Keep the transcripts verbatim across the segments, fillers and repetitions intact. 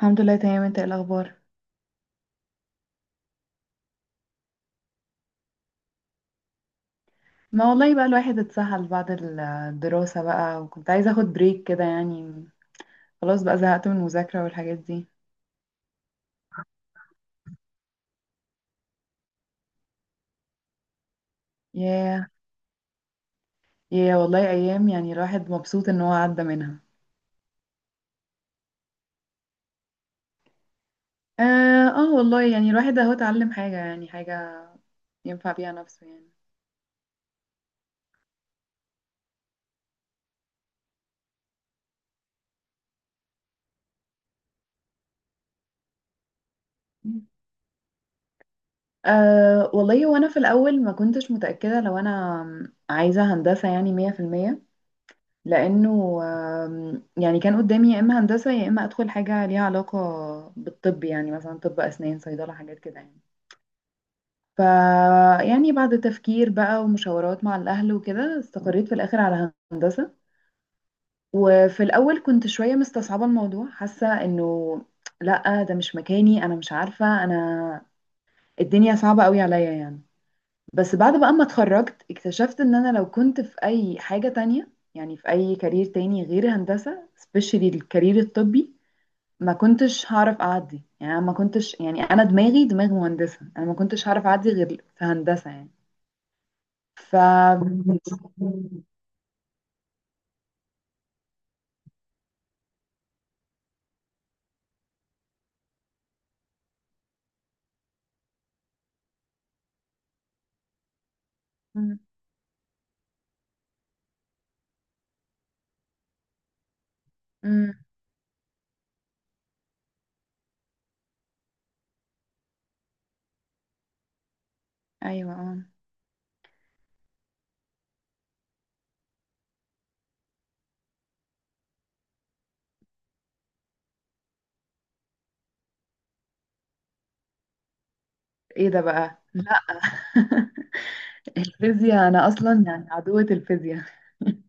الحمد لله تمام. انت ايه الاخبار؟ ما والله بقى الواحد اتسحل بعد الدراسة بقى، وكنت عايزة اخد بريك كده يعني خلاص بقى زهقت من المذاكرة والحاجات دي. ياه، ياه والله، ايام يعني الواحد مبسوط ان هو عدى منها. اه, اه والله، يعني الواحد اهو اتعلم حاجة يعني حاجة ينفع بيها نفسه يعني. أه والله، وانا في الاول ما كنتش متأكدة لو انا عايزة هندسة يعني مية في المية، لانه آم، يعني كان قدامي يا اما هندسه يا اما ادخل حاجه ليها علاقه بالطب، يعني مثلا طب اسنان، صيدله، حاجات كده يعني. ف يعني بعد تفكير بقى ومشاورات مع الاهل وكده، استقريت في الاخر على هندسه. وفي الاول كنت شويه مستصعبه الموضوع، حاسه انه لا ده مش مكاني، انا مش عارفه، انا الدنيا صعبه قوي عليا يعني. بس بعد بقى ما اتخرجت اكتشفت ان انا لو كنت في اي حاجة تانية، يعني في اي كارير تاني غير هندسة، سبيشالي الكارير الطبي، ما كنتش هعرف اعدي، يعني أنا ما كنتش يعني انا دماغي دماغ مهندسة، انا ما كنتش هعرف اعدي غير في هندسة يعني. ف مم. مم. ايوه آه. ايه ده بقى. الفيزياء انا اصلا يعني عدوة الفيزياء.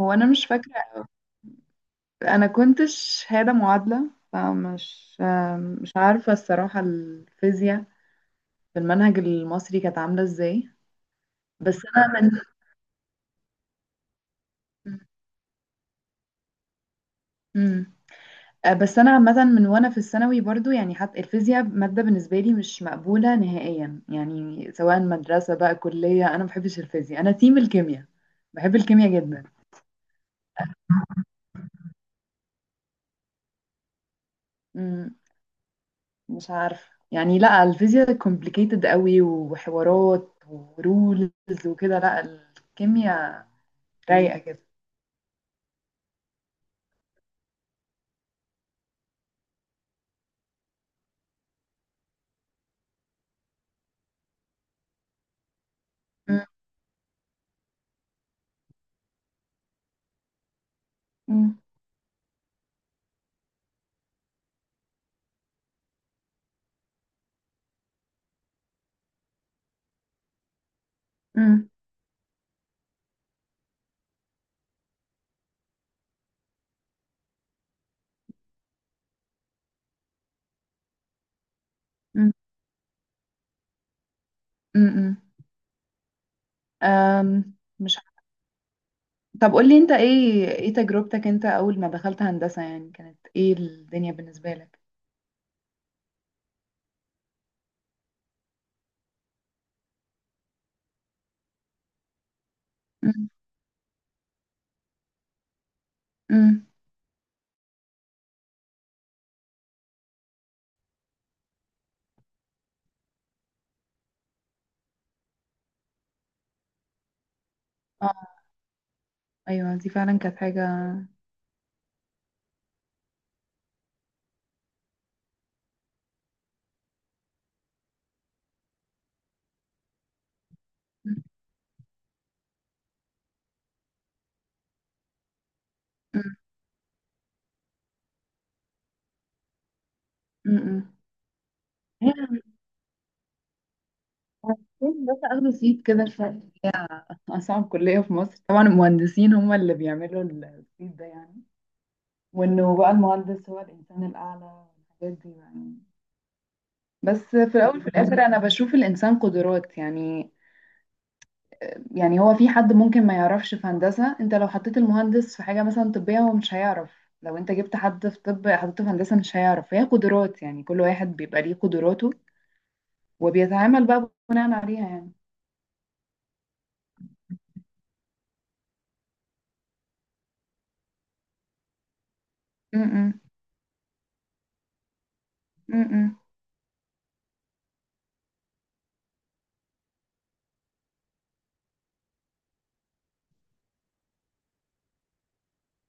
هو انا مش فاكرة، انا كنت شهاده معادله فمش مش عارفه الصراحه الفيزياء في المنهج المصري كانت عامله ازاي. بس انا من مم. آه، بس انا عامه من وانا في الثانوي برضو، يعني حتى الفيزياء ماده بالنسبه لي مش مقبوله نهائيا، يعني سواء مدرسه بقى كليه، انا ما بحبش الفيزياء، انا تيم الكيمياء، بحب الكيمياء جدا. مم. مش عارفه يعني، لا الفيزياء كومبليكيتد قوي وحوارات ورولز وكده، لا الكيمياء رايقه كده. مم. مم. مم. مم. أم، مش عارفة. طب قول لي انت، ايه ايه تجربتك انت اول ما دخلت هندسة، يعني كانت ايه الدنيا بالنسبة لك؟ مم. مم. اه، ايوه دي فعلا كانت حاجة. مم. مم. مم. هي المهندسين بس اخدوا سيت كده شوية. اصعب كلية في مصر طبعا، المهندسين هم اللي بيعملوا السيت ده يعني، وانه بقى المهندس هو الانسان الاعلى والحاجات دي يعني. بس في الاول في الاخر انا بشوف الانسان قدرات يعني. يعني هو في حد ممكن ما يعرفش في هندسة، انت لو حطيت المهندس في حاجة مثلا طبية هو مش هيعرف، لو انت جبت حد في طب حطيته في هندسة مش هيعرف. هي قدرات يعني، كل واحد بيبقى ليه قدراته وبيتعامل بقى بناء عليها يعني. م -م. م -م.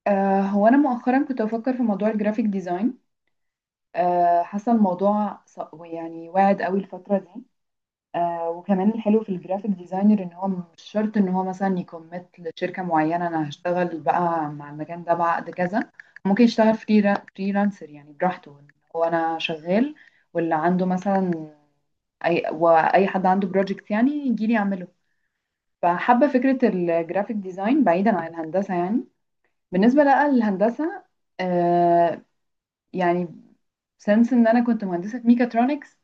آه هو انا مؤخرا كنت بفكر في موضوع الجرافيك ديزاين. آه حاسة الموضوع ص- يعني واعد قوي الفترة دي. آه وكمان الحلو في الجرافيك ديزاينر ان هو مش شرط ان هو مثلا يكمت لشركة معينة، انا هشتغل بقى مع المكان ده بعقد كذا. ممكن يشتغل فري فريلانسر، يعني براحته، إن هو انا شغال، واللي عنده مثلا اي واي حد عنده بروجكت يعني يجي لي يعمله. فحابة فكرة الجرافيك ديزاين بعيدا عن الهندسة يعني. بالنسبة لقى للهندسة، آه يعني سنس ان انا كنت مهندسة ميكاترونكس،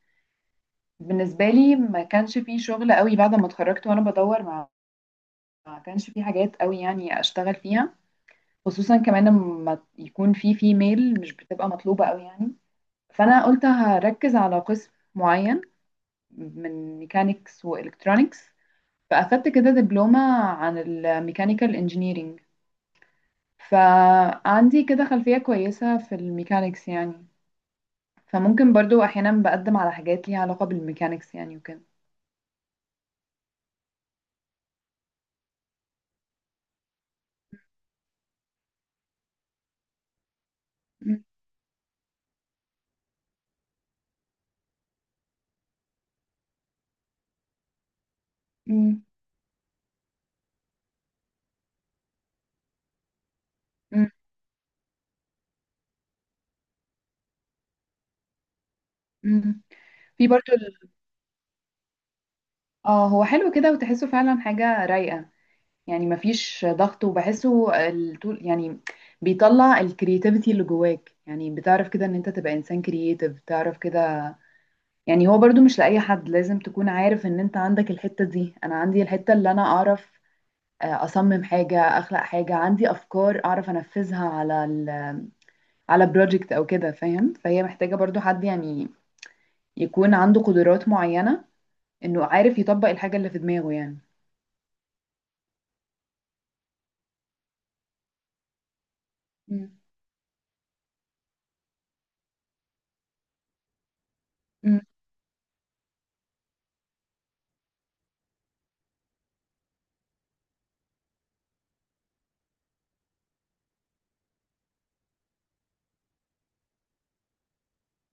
بالنسبة لي ما كانش فيه شغل قوي بعد ما اتخرجت، وانا بدور مع ما كانش في حاجات قوي يعني اشتغل فيها، خصوصا كمان لما يكون في فيميل مش بتبقى مطلوبة قوي يعني. فانا قلت هركز على قسم معين من ميكانيكس والكترونكس، فاخدت كده دبلومة عن الميكانيكال انجينيرينج. فعندي كده خلفية كويسة في الميكانيكس يعني، فممكن برضو احيانا بقدم على حاجات ليها علاقة بالميكانيكس يعني وكده. م- م- م- م. في برضو ال- اه هو حلو كده، وتحسه فعلا حاجة رايقة، يعني مفيش ضغط. وبحسه ال- طول يعني بيطلع الكرياتيفيتي اللي جواك، يعني بتعرف كده ان انت تبقى انسان كرياتيف، تعرف كده. يعني هو برضو مش لأي حد، لازم تكون عارف ان انت عندك الحتة دي، انا عندي الحتة اللي انا اعرف آه، اصمم حاجة، اخلق حاجة، عندي افكار اعرف انفذها على ال على بروجكت او كده، فاهم؟ فهي محتاجة برضو حد يعني يكون عنده قدرات معينة، انه عارف يطبق الحاجة اللي في دماغه يعني. م- م-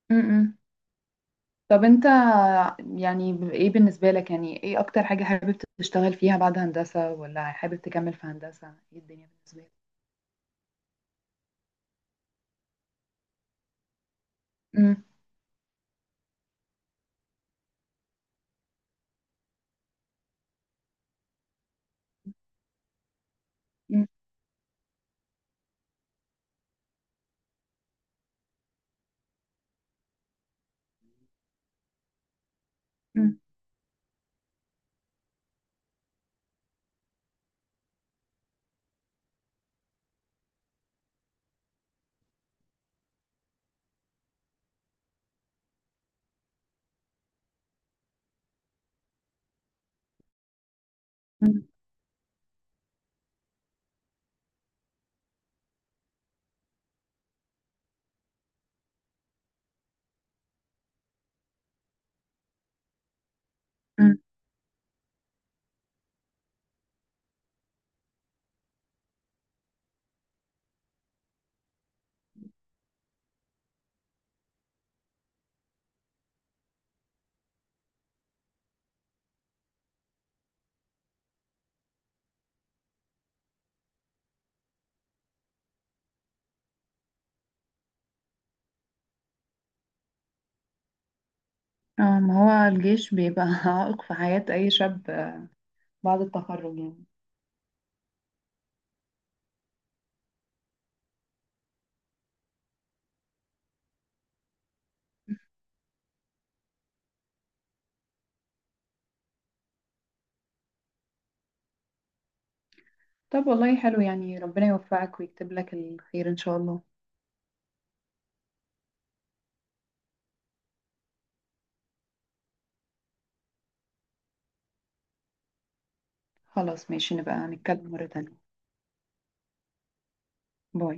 م- م. طب انت يعني ب- ايه بالنسبة لك، يعني ايه اكتر حاجة حابب تشتغل فيها بعد هندسة، ولا حابب تكمل في هندسة؟ ايه الدنيا بالنسبة لك؟ مم. مم. مم. مم. مم. اه، ما هو الجيش بيبقى عائق في حياة اي شاب بعد التخرج يعني. طب والله حلو، يعني ربنا يوفقك ويكتب لك الخير ان شاء الله. خلاص ماشي، نبقى نتكلم مرة تانية. باي.